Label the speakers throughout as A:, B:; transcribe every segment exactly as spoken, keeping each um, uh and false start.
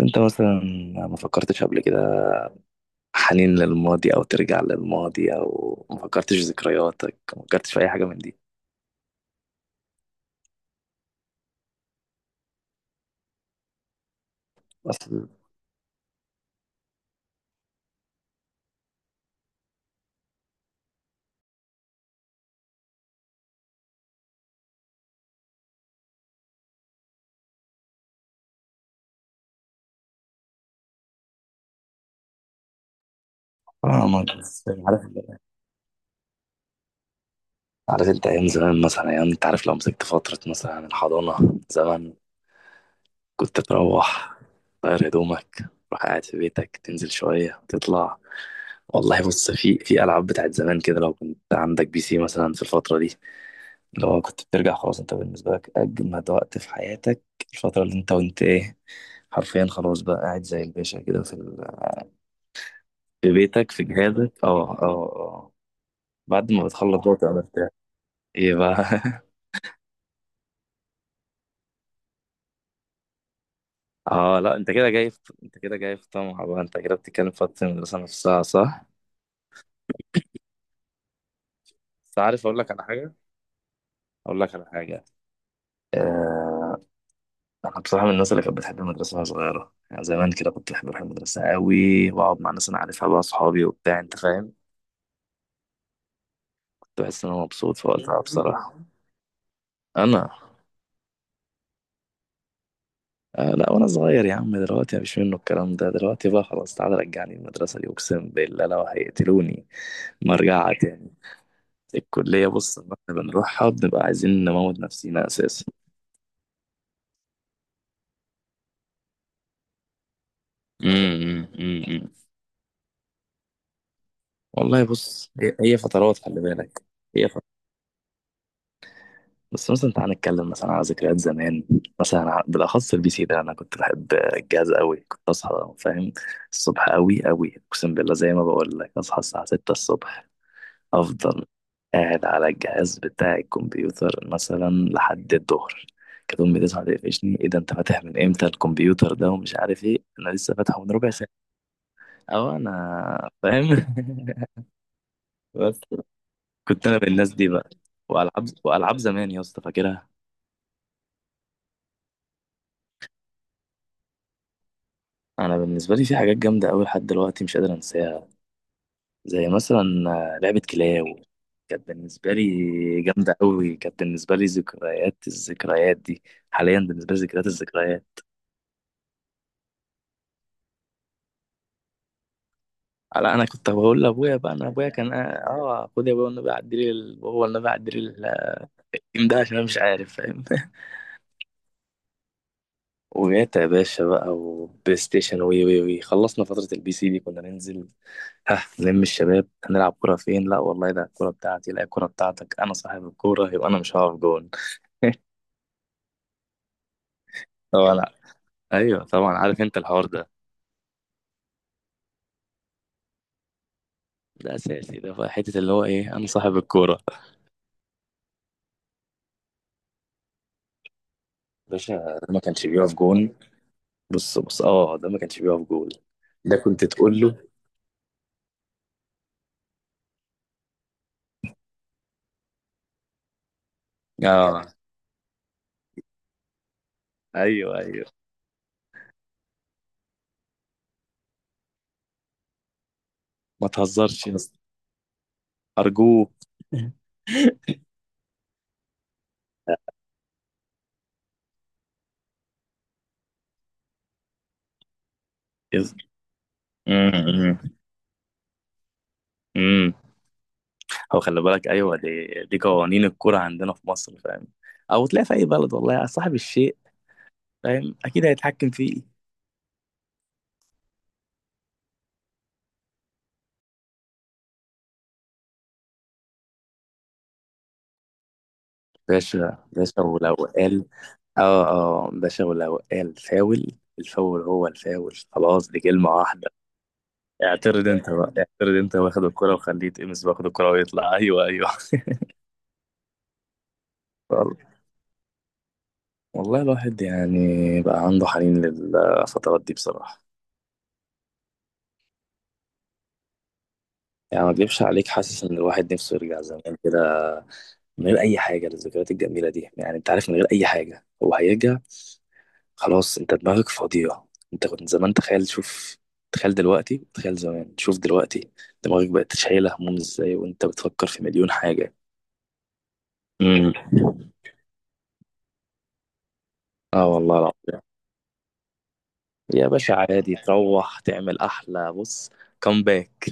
A: انت مثلا ما فكرتش قبل كده حنين للماضي او ترجع للماضي او ما فكرتش في ذكرياتك ما فكرتش في اي حاجه من دي. اصل اه ما بس عارف. عارف انت ايام زمان، مثلا ايام انت عارف لو مسكت فتره مثلا الحضانه زمان، كنت تروح تغير هدومك، تروح قاعد في بيتك تنزل شويه تطلع. والله بص، في في العاب بتاعت زمان كده، لو كنت عندك بي سي مثلا في الفتره دي، لو كنت بترجع خلاص، انت بالنسبة لك أجمد وقت في حياتك الفترة اللي انت وانت ايه، حرفيا خلاص بقى قاعد زي الباشا كده في, ال... في بيتك في جهازك اه اه اه اه. بعد ما بتخلص بقى تبقى مرتاح. ايه بقى؟ اه لا، انت كده جاي في... انت كده جاي في طمع بقى، انت كده بتتكلم في وقت المدرسة نفسها صح؟ بس عارف اقول لك على حاجة؟ اقول لك على حاجة. آه... انا بصراحة من الناس اللي كانت بتحب المدرسة وانا صغيرة، يعني زمان كده كنت بحب اروح المدرسة قوي واقعد مع ناس انا عارفها بقى، اصحابي وبتاع، انت فاهم؟ تحس ان هو مبسوط في وقتها. أيوة، بصراحة انا. آه لا، وانا صغير يا عم، دلوقتي مفيش منه الكلام ده، دلوقتي بقى خلاص تعالى رجعني المدرسة دي، اقسم بالله لو هيقتلوني ما ارجعها تاني. الكلية بص، لما احنا بنروحها بنبقى عايزين نموت نفسينا اساسا. امم امم أمم. والله بص، هي هي فترات، خلي بالك. هي بس مثلا تعالى نتكلم مثلا على ذكريات زمان، مثلا ع- بالاخص البي سي ده، انا كنت بحب الجهاز قوي، كنت اصحى فاهم الصبح قوي قوي، اقسم بالله زي ما بقول لك اصحى الساعه ستة الصبح افضل قاعد على الجهاز بتاع الكمبيوتر مثلا لحد الظهر. كانت امي تصحى تقفشني: ايه ده؟ انت فاتح من امتى الكمبيوتر ده ومش عارف ايه؟ انا لسه فاتحه من ربع ساعه او انا فاهم. بس كنت انا من الناس دي بقى. والعاب والعاب زمان يا اسطى فاكرها. انا بالنسبه لي في حاجات جامده قوي لحد دلوقتي مش قادر انساها، زي مثلا آه، لعبه كلاو، كانت بالنسبه لي جامده قوي، كانت بالنسبه لي ذكريات الذكريات دي. حاليا بالنسبه لي ذكريات الذكريات. لا، انا كنت بقول لابويا بقى، انا ابويا كان اه آه، خد يا ابويا والنبي عدي لي ال- هو والنبي عدي لي الجيم ده عشان انا مش عارف فاهم. وجات يا باشا بقى وبلاي ستيشن وي وي وي، خلصنا فتره البي سي دي كنا ننزل، ها لم الشباب هنلعب كرة فين، لا والله ده الكرة بتاعتي، لا الكرة بتاعتك، انا صاحب الكورة يبقى انا مش هقف جون. طبعا ع- ايوه طبعا، عارف انت الحوار ده، ده اساسي، ده في حتة اللي هو ايه، انا صاحب الكورة. باشا، ده ما كانش بيقف جون، بص بص اه، ده ما كانش بيقف جون، ده كنت تقول له اه. ايوه ايوه، ما تهزرش يا اسطى، ارجوك. يس- مم، مم، مم. هو خلي بالك، ايوه دي، دي قوانين الكوره عندنا في مصر، فاهم؟ او تلاقي في اي بلد والله، يا صاحب الشيء فاهم اكيد هيتحكم فيه. باشا باشا، ولو قال اه اه، باشا ولو قال فاول، الفاول هو الفاول خلاص، دي كلمه واحده. اعترض انت بقى، اعترض انت واخد الكرة وخليه يتقمص باخد الكرة ويطلع. ايوه ايوه وال- والله الواحد يعني بقى عنده حنين للفترات دي بصراحة. يعني ما اكدبش عليك، حاسس ان الواحد نفسه يرجع زمان كده من غير اي حاجه، للذكريات الجميله دي، يعني انت عارف من غير اي حاجه هو هيرجع. خلاص انت دماغك فاضيه، انت كنت زمان تخيل شوف، تخيل دلوقتي تخيل زمان شوف دلوقتي، دماغك بقت شايله هموم ازاي وانت بتفكر في مليون حاجه. امم. اه والله العظيم، يا باشا عادي تروح تعمل احلى بص كومباك،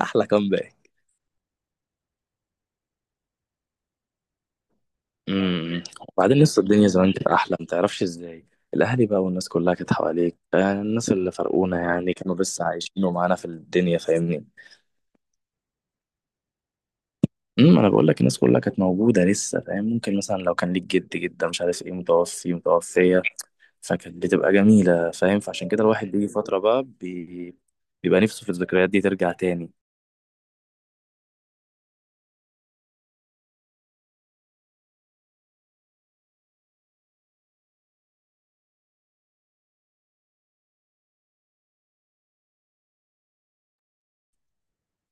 A: احلى كومباك. امم. وبعدين لسه الدنيا زمان كانت احلى ما تعرفش ازاي، الاهالي بقى والناس كلها كانت حواليك، آه، الناس اللي فرقونا يعني كانوا لسه عايشين ومعانا في الدنيا فاهمني. امم، انا بقول لك الناس كلها كانت موجوده لسه فاهم، ممكن مثلا لو كان ليك جد جده مش عارف ايه متوفي متوفيه، فكانت بتبقى جميله فاهم، فعشان كده الواحد بيجي فتره بقى بي... بيبقى نفسه في الذكريات دي ترجع تاني.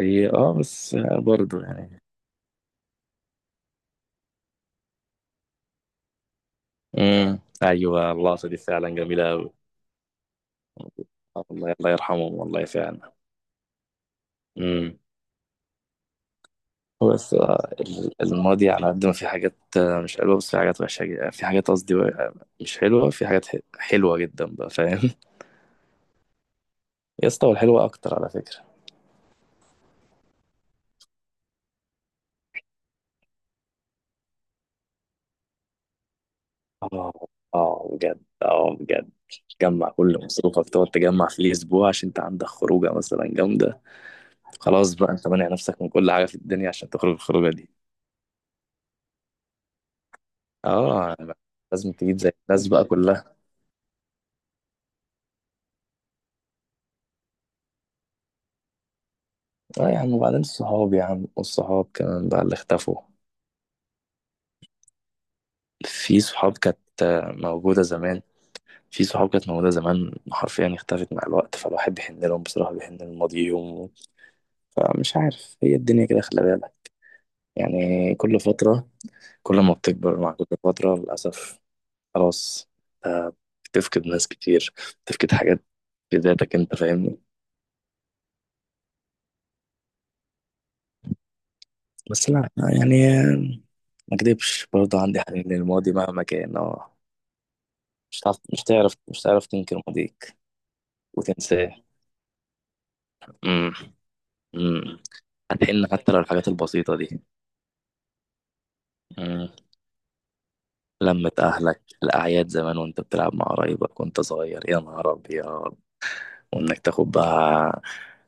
A: هي اه بس آه، برضه يعني. امم، ايوه اللقطه دي فعلا جميله قوي. الله، الله يرحمهم والله فعلا. امم. هو بس آه، ال- الماضي على قد ما في حاجات آه، مش حلوة، بس في حاجات وحشة جدا، في حاجات قصدي آه، مش حلوة، في حاجات ح- حلوة جدا بقى فاهم. يا اسطى والحلوة أكتر على فكرة. اه اه بجد، اه بجد. تجمع كل مصروفك، تقعد تجمع في الأسبوع عشان أنت عندك خروجة مثلا جامدة، خلاص بقى أنت مانع نفسك من كل حاجة في الدنيا عشان تخرج الخروجة دي. اه يعني لازم تجيب زي الناس بقى كلها. اه يا عم، وبعدين الصحاب يا عم، والصحاب كمان بقى اللي اختفوا. في صحاب كانت آه، موجودة زمان، في صحاب كانت موجودة زمان حرفيا اختفت مع الوقت، فالواحد بيحن لهم بصراحة، بيحن لماضيهم. فمش عارف، هي الدنيا كده خلي بالك، يعني كل فترة، كل ما بتكبر مع كل فترة للأسف خلاص آه، بتفقد ناس كتير، بتفقد حاجات في ذاتك انت فاهمني. بس لا يعني آه، ما اكدبش برضه عندي حنين للماضي مهما كان اه. مش هتعرف، مش تعرف، مش هتعرف تنكر ماضيك وتنساه. امم، امم. هتحن حتى لو الحاجات البسيطة دي. مم. لمة أهلك الأعياد زمان وأنت بتلعب مع قرايبك وأنت صغير، يا نهار أبيض، وإنك تاخد بقى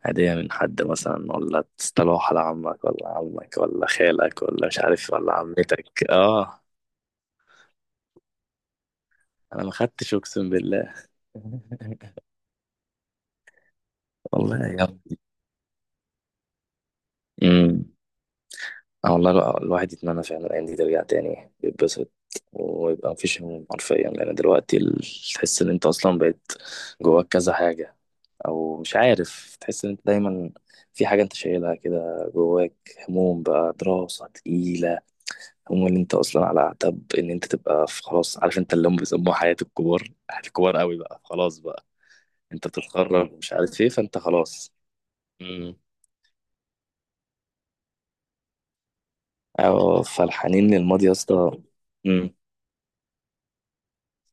A: هدية من حد مثلا، ولا تصطلوح على عمك ولا عمك ولا خالك ولا مش عارف ولا عمتك آه. أنا ما خدتش أقسم بالله. والله يا ابني. امم. آه والله الو- الواحد يتمنى فعلا الأيام دي ترجع تاني، يتبسط ويبقى مفيش هموم حرفيا، لأن دلوقتي ال- تحس إن أنت أصلا بقيت جواك كذا حاجة، او مش عارف تحس ان انت دايما في حاجه انت شايلها كده جواك، هموم بقى دراسه تقيله، هموم ان انت اصلا على اعتاب ان انت تبقى في خلاص، عارف انت اللي هم بيسموها حياه الكبار، حياه الكبار قوي بقى خلاص بقى، انت بتتخرج مش عارف ايه، فانت خلاص. امم. اه، فالحنين للماضي يا اسطى. امم.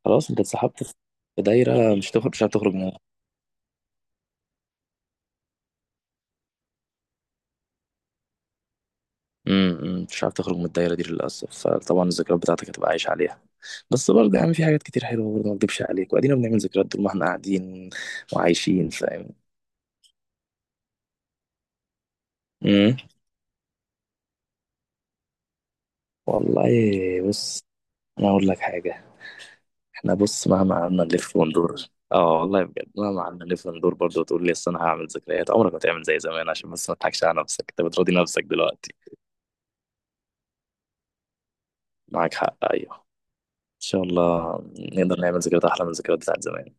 A: خلاص انت اتسحبت في دايره، مش هتخرج، مش هتخرج. امم، امم. مش عارف تخرج من الدايرة دي للأسف، فطبعا الذكريات بتاعتك هتبقى عايش عليها. بس برضه يعني في حاجات كتير حلوة برضه، ما اكدبش عليك، وادينا بنعمل ذكريات طول ما احنا قاعدين وعايشين فاهم. امم. والله بص، انا اقول لك حاجة، احنا بص مهما قعدنا نلف وندور، اه والله بجد مهما قعدنا نلف وندور برضه، وتقول لي اصل انا هعمل ذكريات، عمرك ما تعمل زي زمان، عشان بس ما تضحكش على نفسك، انت بتراضي نفسك دلوقتي. معاك حق، ايوه ان شاء الله نقدر نعمل ذكريات احلى من الذكريات بتاعت زمان.